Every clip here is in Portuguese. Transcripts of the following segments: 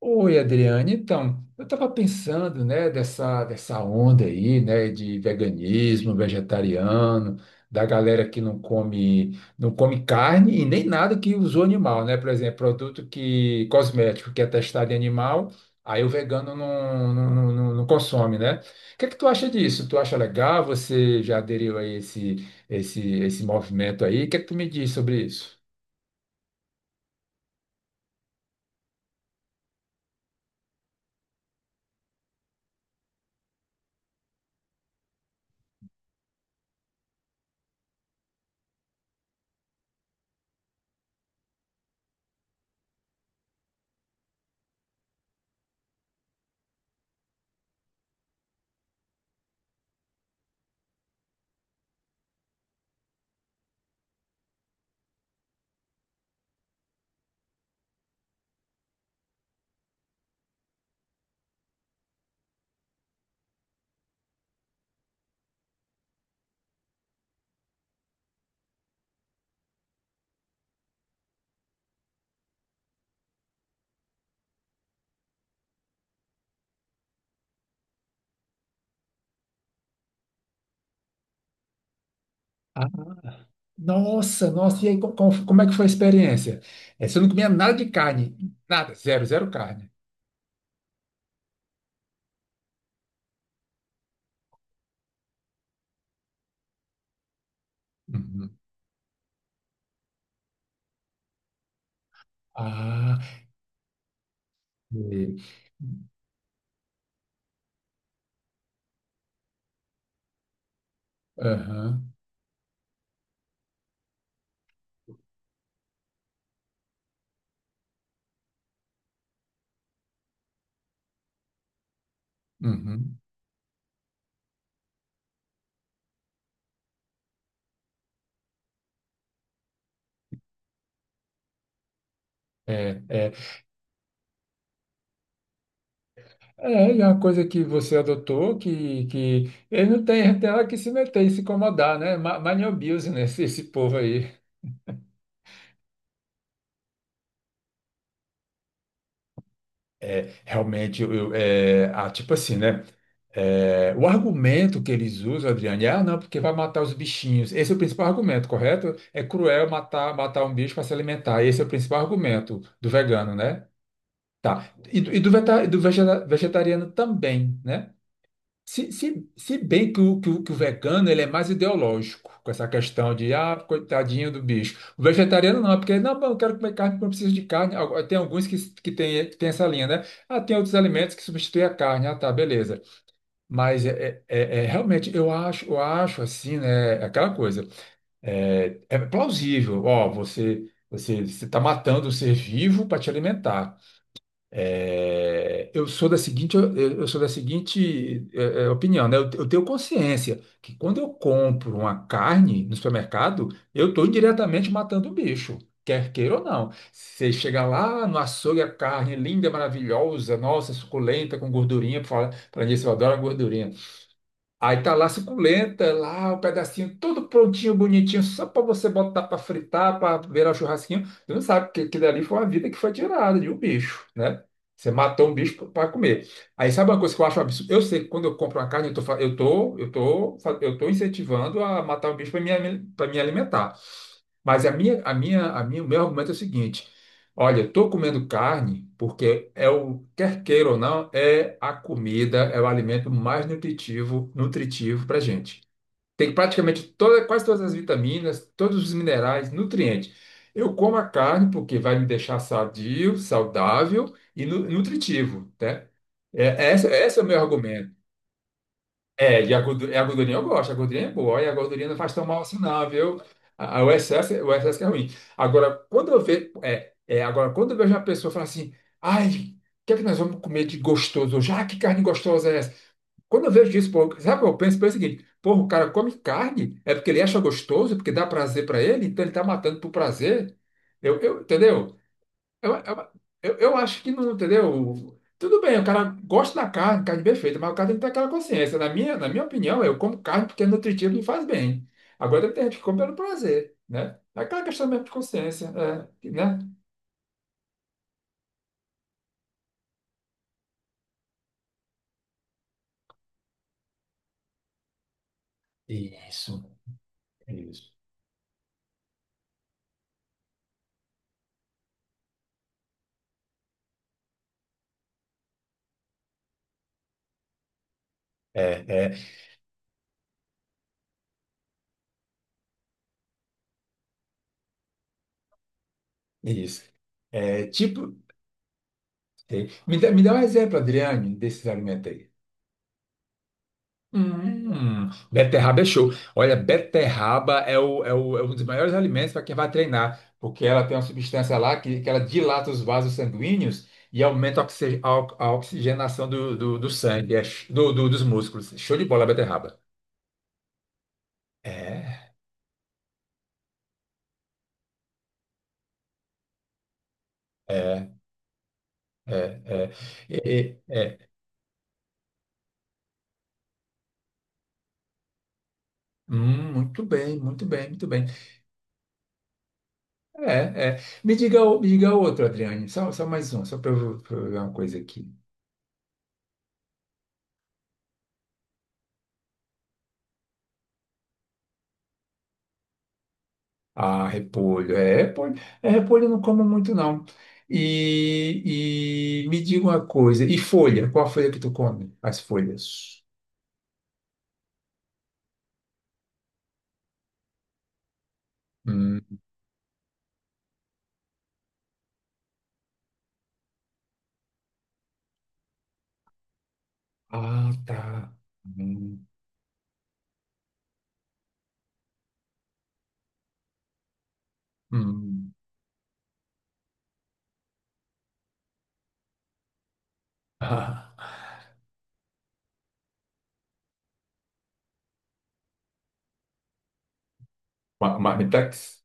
Oi, Adriane. Então, eu estava pensando, né, dessa onda aí, né, de veganismo, vegetariano, da galera que não come carne e nem nada que usou animal, né? Por exemplo, produto que, cosmético que é testado em animal, aí o vegano não consome, né? O que é que tu acha disso? Tu acha legal? Você já aderiu a esse movimento aí? O que é que tu me diz sobre isso? Nossa, nossa, e aí como é que foi a experiência? É, você não comia nada de carne, nada, zero, zero carne. Uhum. Ah, e- aham, uhum. É, é, é, e é uma coisa que você adotou que, ele não tem, tem hora que se meter e se incomodar, né? Mind your esse povo aí. Realmente, é, ah, tipo assim, né? É, o argumento que eles usam, Adriane, é, ah, não, porque vai matar os bichinhos. Esse é o principal argumento, correto? É cruel matar, matar um bicho para se alimentar. Esse é o principal argumento do vegano, né? Tá. E do, vegetariano também, né? Se bem que o, que o, que o vegano, ele é mais ideológico com essa questão de, ah, coitadinho do bicho. O vegetariano não, é porque, não, eu quero comer carne porque eu preciso de carne. Tem alguns que tem essa linha, né? Ah, tem outros alimentos que substituem a carne. Ah, tá, beleza. Mas realmente eu acho assim, né? Aquela coisa é plausível. Ó, você está matando o ser vivo para te alimentar. É, eu sou da seguinte, opinião, né? Eu tenho consciência que quando eu compro uma carne no supermercado, eu estou indiretamente matando o bicho. Quer queira ou não. Você chega lá no açougue, a carne linda, maravilhosa, nossa, suculenta, com gordurinha, fala, para mim, eu adoro a gordurinha. Aí tá lá a suculenta, lá o pedacinho todo prontinho, bonitinho, só para você botar para fritar, para virar o churrasquinho. Você não sabe que aquilo ali foi uma vida que foi tirada de um bicho, né? Você matou um bicho para comer. Aí sabe uma coisa que eu acho absurdo? Eu sei que quando eu compro uma carne, eu tô, fa- eu tô, eu tô, eu tô incentivando a matar um bicho para para me alimentar. Mas o meu argumento é o seguinte: olha, estou comendo carne porque quer queira ou não, é a comida, é o alimento mais nutritivo, para a gente. Tem praticamente toda, quase todas as vitaminas, todos os minerais, nutrientes. Eu como a carne porque vai me deixar sadio, saudável e nutritivo, né? É, esse é o meu argumento. É, a gordurinha eu gosto, a gordurinha é boa, e a gordurinha não faz tão mal assim, não, viu? O excesso, o excesso que é ruim. Agora, quando eu vejo, é, é, agora, quando eu vejo uma pessoa falar assim, ai, o que é que nós vamos comer de gostoso hoje? Ah, que carne gostosa é essa? Quando eu vejo isso, pô, sabe, o que eu penso, penso o seguinte, pô, o cara come carne, é porque ele acha gostoso, porque dá prazer pra ele, então ele tá matando por prazer. Entendeu? Eu, eu, eu acho que não, entendeu? Tudo bem, o cara gosta da carne, carne bem feita, mas o cara tem que ter aquela consciência. Na minha opinião, eu como carne porque é nutritivo e faz bem. Agora tem gente que come pelo prazer, né? É aquela questão mesmo de consciência, é, né? Isso. É, tipo, sei. Me dá um exemplo, Adriane, desses alimentos. Beterraba é show. Olha, beterraba é um dos maiores alimentos para quem vai treinar, porque ela tem uma substância lá que, ela dilata os vasos sanguíneos e aumenta a oxigenação do sangue, dos músculos. Show de bola, beterraba. É, é, é, é. É. Muito bem, muito bem, muito bem. É, é. Me diga, me diga outro, Adriane. Só mais um, só pra eu ver uma coisa aqui. Ah, repolho. É, repolho eu não como muito, não. E me diga uma coisa. E folha? Qual a folha que tu come? As folhas. Hum. Ah, tá. Hum. Hum. Ah, marmitex?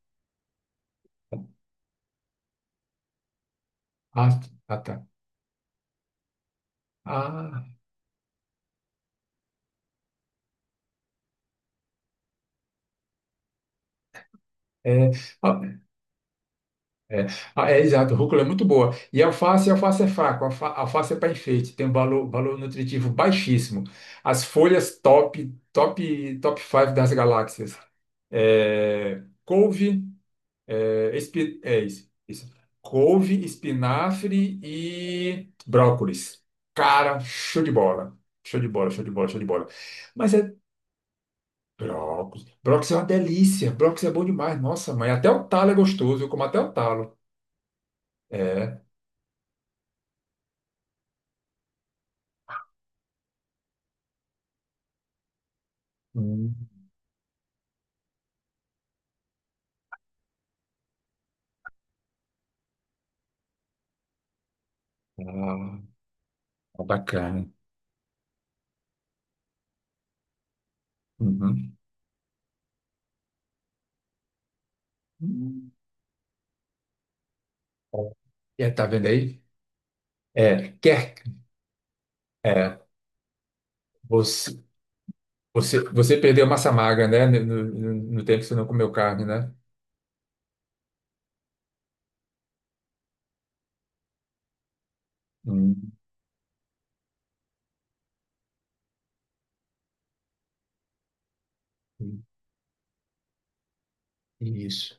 Ah, ah, tá. Ah, é. Ah, é, ah, é, exato, rúcula é muito boa. E alface, é fraco, alface é para enfeite, tem um valor nutritivo baixíssimo. As folhas top, top, top 5 das galáxias. É, couve, é, é isso, isso. Couve, espinafre e brócolis. Cara, show de bola. Show de bola, show de bola, show de bola. Mas é brócolis. Brócolis é uma delícia. Brócolis é bom demais. Nossa, mãe, até o talo é gostoso. Eu como até o talo. É. Ah, tá bacana. Uhum. Hum. É, tá vendo aí? É, quer, é, você, você, você perdeu massa magra, né? No tempo que você não comeu carne, né? Hum. Isso.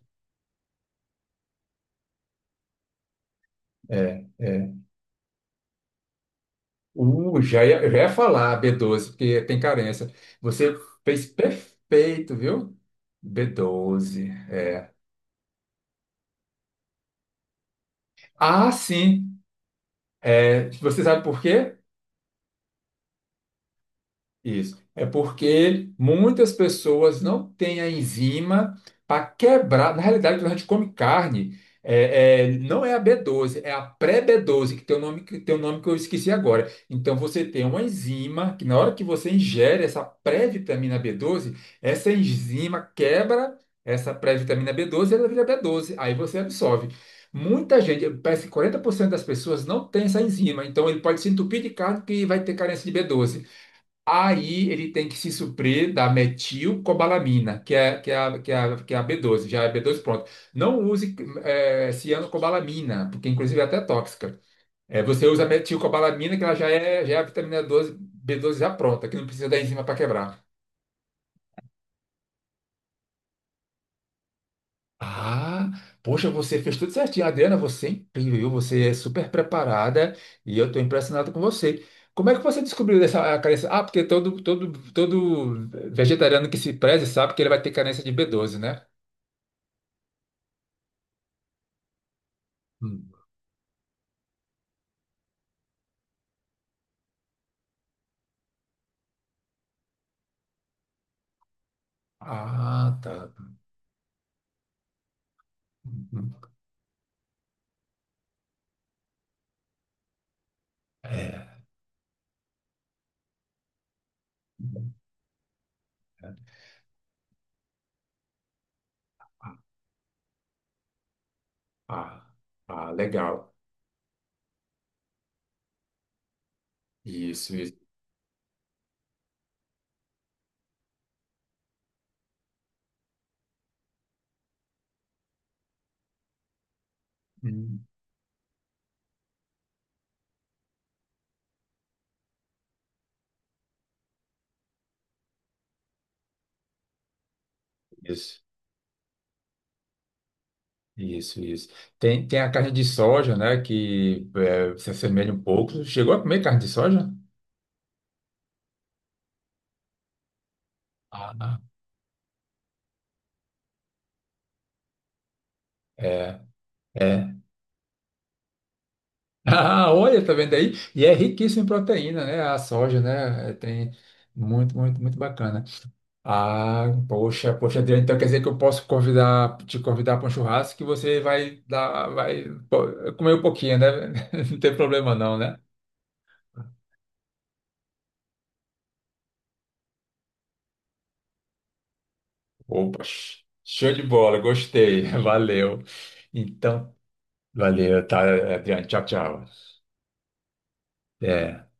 É, é. Eu já ia falar b doze, porque tem carência. Você fez perfeito, viu? B doze. É. Ah, sim. É, você sabe por quê? Isso. É porque muitas pessoas não têm a enzima para quebrar. Na realidade, quando a gente come carne, não é a B12, é a pré-B12, que tem um nome que eu esqueci agora. Então, você tem uma enzima que, na hora que você ingere essa pré-vitamina B12, essa enzima quebra essa pré-vitamina B12 e ela vira B12. Aí você absorve. Muita gente, parece que 40% das pessoas não tem essa enzima. Então, ele pode se entupir de carne que vai ter carência de B12. Aí ele tem que se suprir da metilcobalamina, que é a B12, já é B12 pronto. Não use cianocobalamina, porque inclusive é até tóxica. É, você usa a metilcobalamina, que ela já é a vitamina 12, B12 já pronta, que não precisa da enzima para quebrar. Ah, poxa, você fez tudo certinho. Adriana, você é incrível, viu? Você é super preparada e eu estou impressionado com você. Como é que você descobriu dessa carência? Ah, porque todo vegetariano que se preze sabe que ele vai ter carência de b doze, né? Hum. Ah, tá. Hum, é. Ah, ah, ah, legal. Isso, isso. Hum. Isso, isso, isso. Tem a carne de soja, né? Se assemelha um pouco. Chegou a comer carne de soja? Ah, não. É. Ah, olha, tá vendo aí? E é riquíssimo em proteína, né? A soja, né? Tem muito, muito, muito bacana. Ah, poxa, poxa, Adriano, então quer dizer que eu posso te convidar para um churrasco que você vai dar, vai pô, comer um pouquinho, né? Não tem problema, não, né? Opa, show de bola, gostei, valeu. Então, valeu, tá, Adriano, tchau, tchau. É.